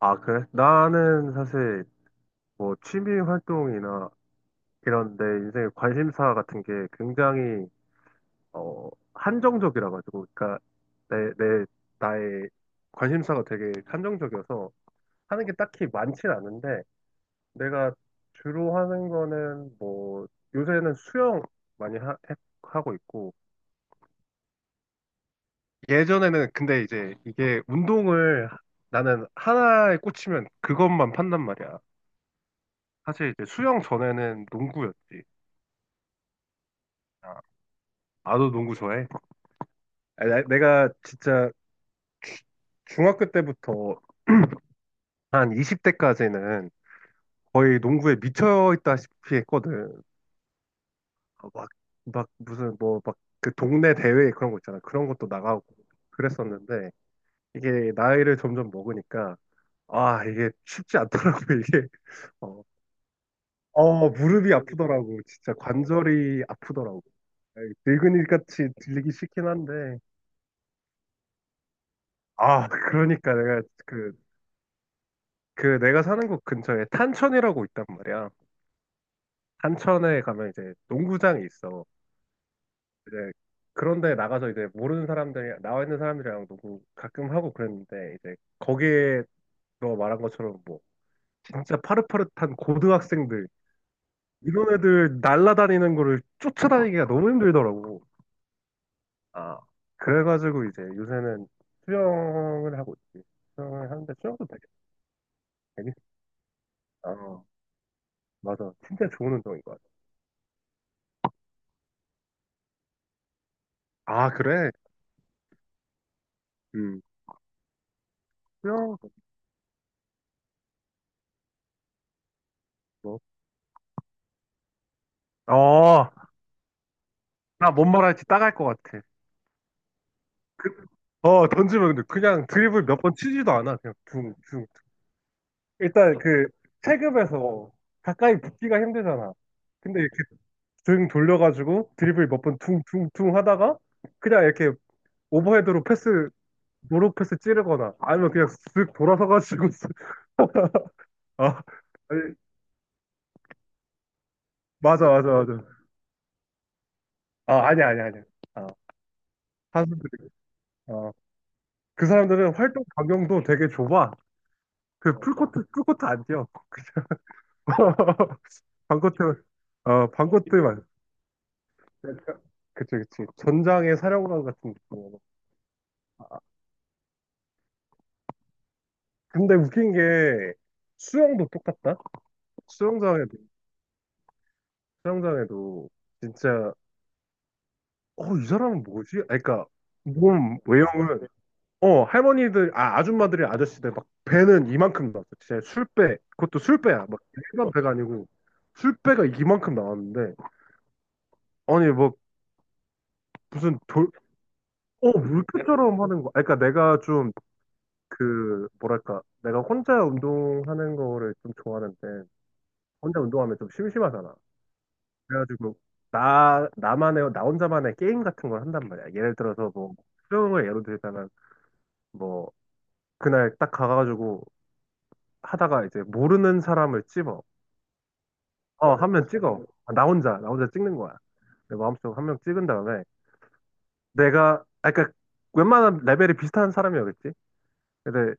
아, 그래? 나는 사실 뭐 취미 활동이나 이런 내 인생의 관심사 같은 게 굉장히 한정적이라 가지고, 그러니까 내, 내, 나의 관심사가 되게 한정적이어서 하는 게 딱히 많진 않은데, 내가 주로 하는 거는 뭐 요새는 수영 많이 하고 있고, 예전에는 근데 이제 나는 하나에 꽂히면 그것만 판단 말이야. 사실 이제 수영 전에는 농구였지. 아, 나도 농구 좋아해. 아, 내가 진짜 주- 중학교 때부터 한 20대까지는 거의 농구에 미쳐 있다시피 했거든. 아, 막 무슨 뭐 막 그 동네 대회 그런 거 있잖아. 그런 것도 나가고 그랬었는데 이게 나이를 점점 먹으니까 아, 이게 쉽지 않더라고, 이게. 어, 무릎이 아프더라고. 진짜 관절이 아프더라고. 늙은이 같이 들리기 싫긴 한데 아, 그러니까 내가 그 내가 사는 곳 근처에 탄천이라고 있단 말이야. 탄천에 가면 이제 농구장이 있어. 이제 그런데 나가서 이제 모르는 사람들이 나와 있는 사람들이랑 농구 가끔 하고 그랬는데 이제 거기에 너 말한 것처럼 뭐 진짜 파릇파릇한 고등학생들 이런 애들 날라다니는 거를 쫓아다니기가 너무 힘들더라고. 아 그래가지고 이제 요새는 수영을 하고 있지. 수영을 하는데 수영도 되게 재밌어. 어 맞아. 진짜 좋은 운동인 것 같아. 아 그래? 음. 수영, 뭐, 어, 나 뭔 말할지 따갈 것 같아. 그, 던지면 근데 그냥 드리블 몇 번 치지도 않아. 그냥 둥, 둥. 일단 그 체급에서 가까이 붙기가 힘들잖아. 근데 이렇게 등 돌려가지고 드리블 몇 번 둥, 둥, 둥 하다가 그냥 이렇게 오버헤드로 패스, 노로 패스 찌르거나 아니면 그냥 쓱 돌아서가지고 아, 아니, 맞아, 맞아, 맞아. 아, 아니야, 아니야, 아니야. 아, 사람들이, 어, 그 사람들은 활동 반경도 되게 좁아. 그 풀코트 안 뛰어. 반코트 어 반코트만. 그치 그치. 전장의 사령관 같은 느낌. 근데 웃긴 게 수영도 똑같다. 수영장에도 수영장에도 진짜 이 사람은 뭐지? 아 그러니까 몸 외형은 할머니들 아줌마들이 아저씨들 막 배는 이만큼 나왔어. 진짜 술배 그것도 술배야. 막 일반 배가 아니고 술배가 이만큼 나왔는데 아니 뭐 무슨 돌 어, 물교처럼 하는 거. 아, 그러니까 내가 좀 그, 뭐랄까, 내가 혼자 운동하는 거를 좀 좋아하는데, 혼자 운동하면 좀 심심하잖아. 그래가지고, 나 혼자만의 게임 같은 걸 한단 말이야. 예를 들어서 뭐, 수영을 예로 들자면, 뭐, 그날 딱 가가지고 하다가 이제 모르는 사람을 찍어. 한 명 찍어. 아, 나 혼자 찍는 거야. 내 마음속으로 한 명 찍은 다음에, 아, 그러니까 웬만한 레벨이 비슷한 사람이었겠지? 근데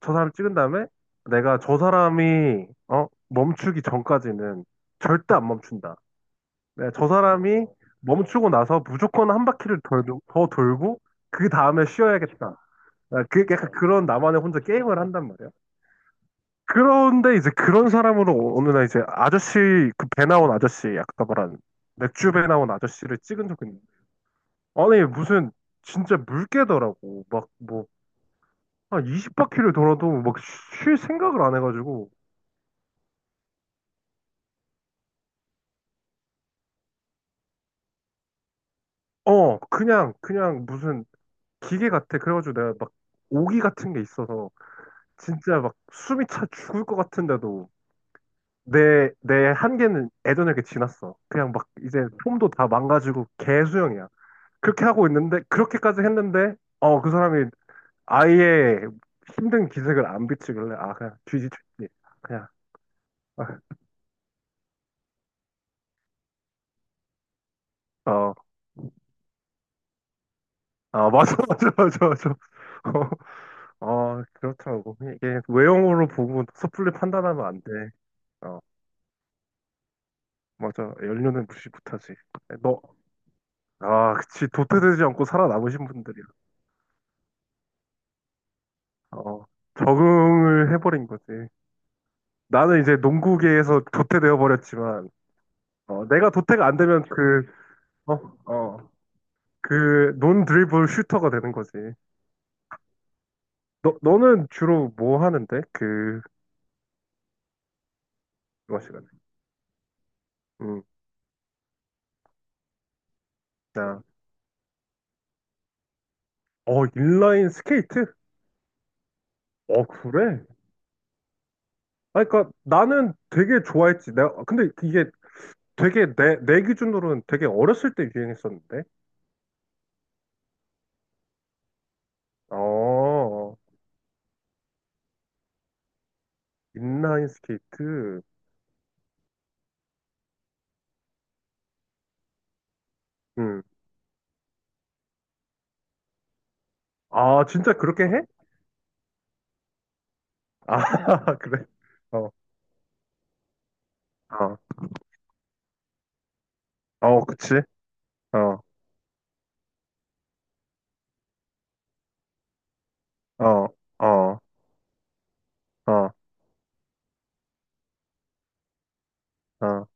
저 사람 찍은 다음에 내가 저 사람이 멈추기 전까지는 절대 안 멈춘다. 네, 저 사람이 멈추고 나서 무조건 한 바퀴를 더 돌고 그 다음에 쉬어야겠다. 네, 그 약간 그런 나만의 혼자 게임을 한단 말이야. 그런데 이제 그런 사람으로 어느 날 이제 아저씨 그 배 나온 아저씨 아까 말한 맥주 배 나온 아저씨를 찍은 적이 있는데 아니 무슨 진짜 물개더라고 막 뭐 한 20바퀴를 돌아도 막 쉴 생각을 안 해가지고 그냥 무슨 기계 같아. 그래가지고 내가 막 오기 같은 게 있어서 진짜 막 숨이 차 죽을 것 같은데도 내 한계는 예전 이에게 지났어. 그냥 막 이제 폼도 다 망가지고 개수영이야. 그렇게 하고 있는데, 그렇게까지 했는데, 그 사람이 아예 힘든 기색을 안 비치길래, 아, 그냥 뒤지쳤지. 그냥, 아, 어, 아, 맞아, 맞아, 맞아, 맞아. 그렇더라고. 이게 외형으로 보고 섣불리 판단하면 안 돼. 어. 맞아. 연료는 무시 못하지. 너, 아, 그치. 도태되지 않고 살아남으신 분들이야. 어, 적응을 해버린 거지. 나는 이제 농구계에서 도태되어 버렸지만, 내가 도태가 안 되면 어, 어, 그, 논 드리블 슈터가 되는 거지. 너는 주로 뭐 하는데? 그, 그거 시간에. 음, 나, 인라인 스케이트? 그래? 아, 그니까 나는 되게 좋아했지. 근데 이게 되게 내 기준으로는 되게 어렸을 때 유행했었는데. 어, 인라인 스케이트. 음. 아, 진짜 그렇게 해? 아, 그래. 어, 어, 어, 그치. 어, 어, 어, 어, 어,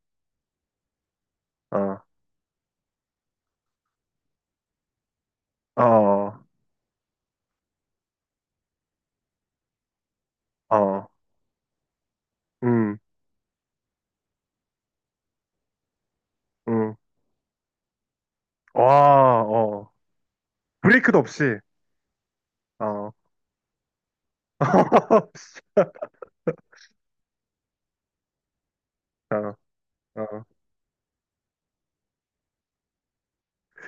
어, 어, 어, 음, 음. 와, 어. 브레이크도 없이. 어, 어, 어.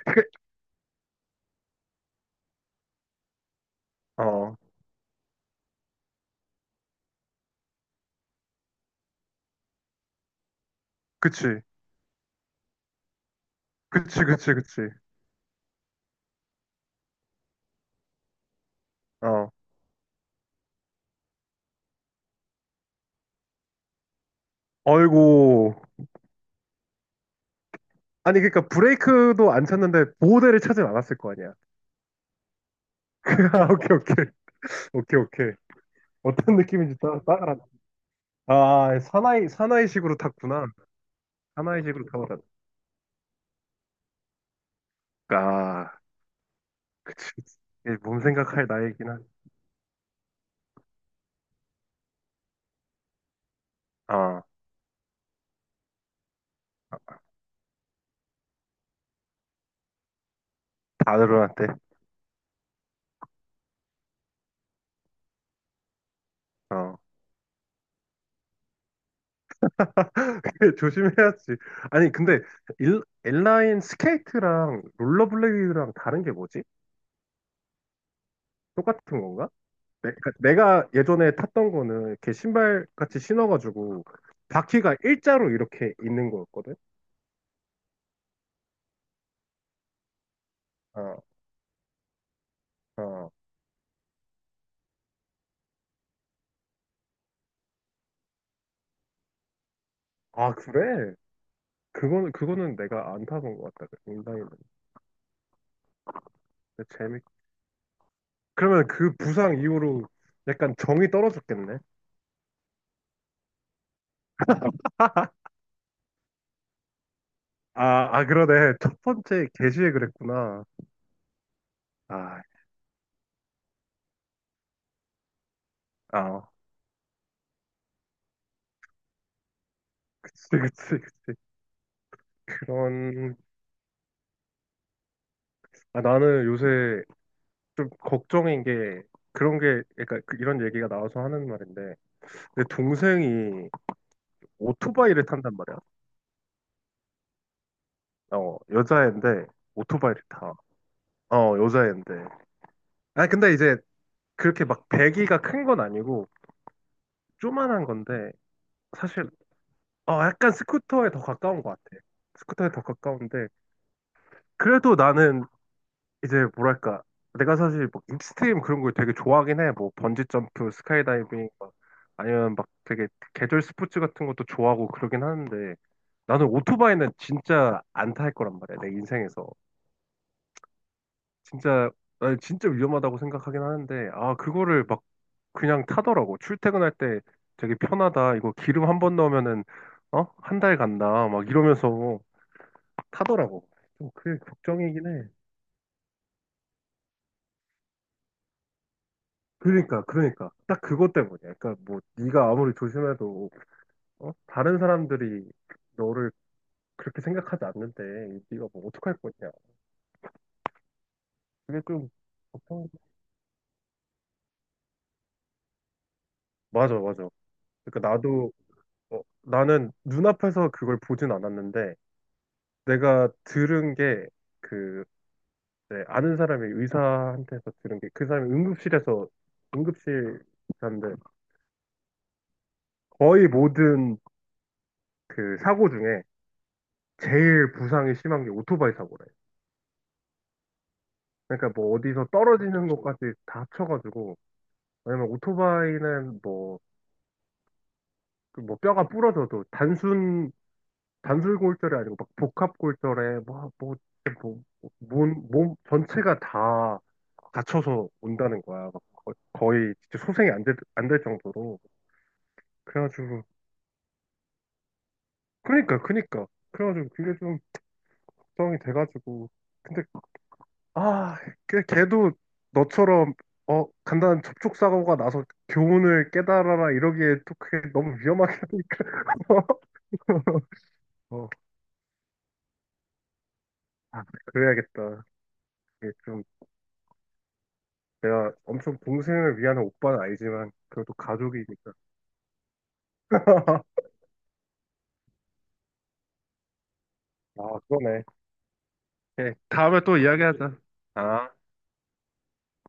그- 어, 그치. 그치, 그치, 그치. 어. 어이고 아니, 그러니까 브레이크도 안 찾는데 보호대를 찾진 않았을 거 아니야. 오케이, 오케이. 오케이, 오케이. 어떤 느낌인지 따라. 아, 사나이식으로 탔구나. 사나이식으로 타버렸다. 아, 그치. 그치. 이게 몸 생각할 나이긴 한. 아, 다들한테. 어. 조심해야지. 아니, 근데, 인라인 스케이트랑 롤러블레이드랑 다른 게 뭐지? 똑같은 건가? 그러니까 내가 예전에 탔던 거는 이렇게 신발 같이 신어가지고 바퀴가 일자로 이렇게 있는 거였거든? 어, 어. 아, 그래? 그거는 내가 안 타본 것 같다. 그 인라인은. 근데 재밌. 그러면 그 부상 이후로 약간 정이 떨어졌겠네. 아, 아 그러네. 첫 번째 게시에 그랬구나. 아, 아, 그치, 그치, 그치. 그런. 아, 나는 요새 좀 걱정인 게 그런 게, 그러니까 이런 얘기가 나와서 하는 말인데, 내 동생이 오토바이를 탄단 말이야. 여자애인데 오토바이를 타. 어, 여자애인데. 아, 근데 이제 그렇게 막 배기가 큰 건 아니고 조만한 건데 사실 약간 스쿠터에 더 가까운 것 같아. 스쿠터에 더 가까운데 그래도 나는 이제 뭐랄까 내가 사실 뭐 익스트림 그런 걸 되게 좋아하긴 해. 뭐 번지 점프, 스카이다이빙 막 아니면 막 되게 계절 스포츠 같은 것도 좋아하고 그러긴 하는데 나는 오토바이는 진짜 안 탈 거란 말이야. 내 인생에서 진짜 나 진짜 위험하다고 생각하긴 하는데 아 그거를 막 그냥 타더라고. 출퇴근할 때 되게 편하다. 이거 기름 한 번 넣으면은 어? 한 달 간다. 막 이러면서 타더라고. 좀 그게 걱정이긴 해. 그러니까, 그러니까. 딱 그것 때문이야. 그러니까 뭐 네가 아무리 조심해도 어? 다른 사람들이 너를 그렇게 생각하지 않는데 네가 뭐 어떡할 거냐. 그게 좀 걱정. 맞아, 맞아. 그러니까 나도 나는 눈앞에서 그걸 보진 않았는데 내가 들은 게그 네, 아는 사람이 의사한테서 들은 게 그 사람이 응급실 의사인데 거의 모든 그 사고 중에 제일 부상이 심한 게 오토바이 사고래요. 그러니까 뭐 어디서 떨어지는 것까지 다 합쳐가지고 왜냐면 오토바이는 뭐, 그뭐 뼈가 부러져도 단순 단술골절이 아니고 막 복합골절에 뭐, 몸 전체가 다 다쳐서 온다는 거야. 막 거의 진짜 소생이 안 될 정도로. 그래가지고 그니까, 그니까. 그래가지고 그게 좀 걱정이 돼가지고. 근데, 아, 걔도 너처럼, 간단한 접촉사고가 나서 교훈을 깨달아라 이러기에 또 그게 너무 위험하게 하니까. 어, 아, 그래야겠다. 이게 좀 내가 엄청 동생을 위하는 오빠는 아니지만, 그래도 가족이니까. 아, 그러네. 예, 다음에 또 이야기하자. 아.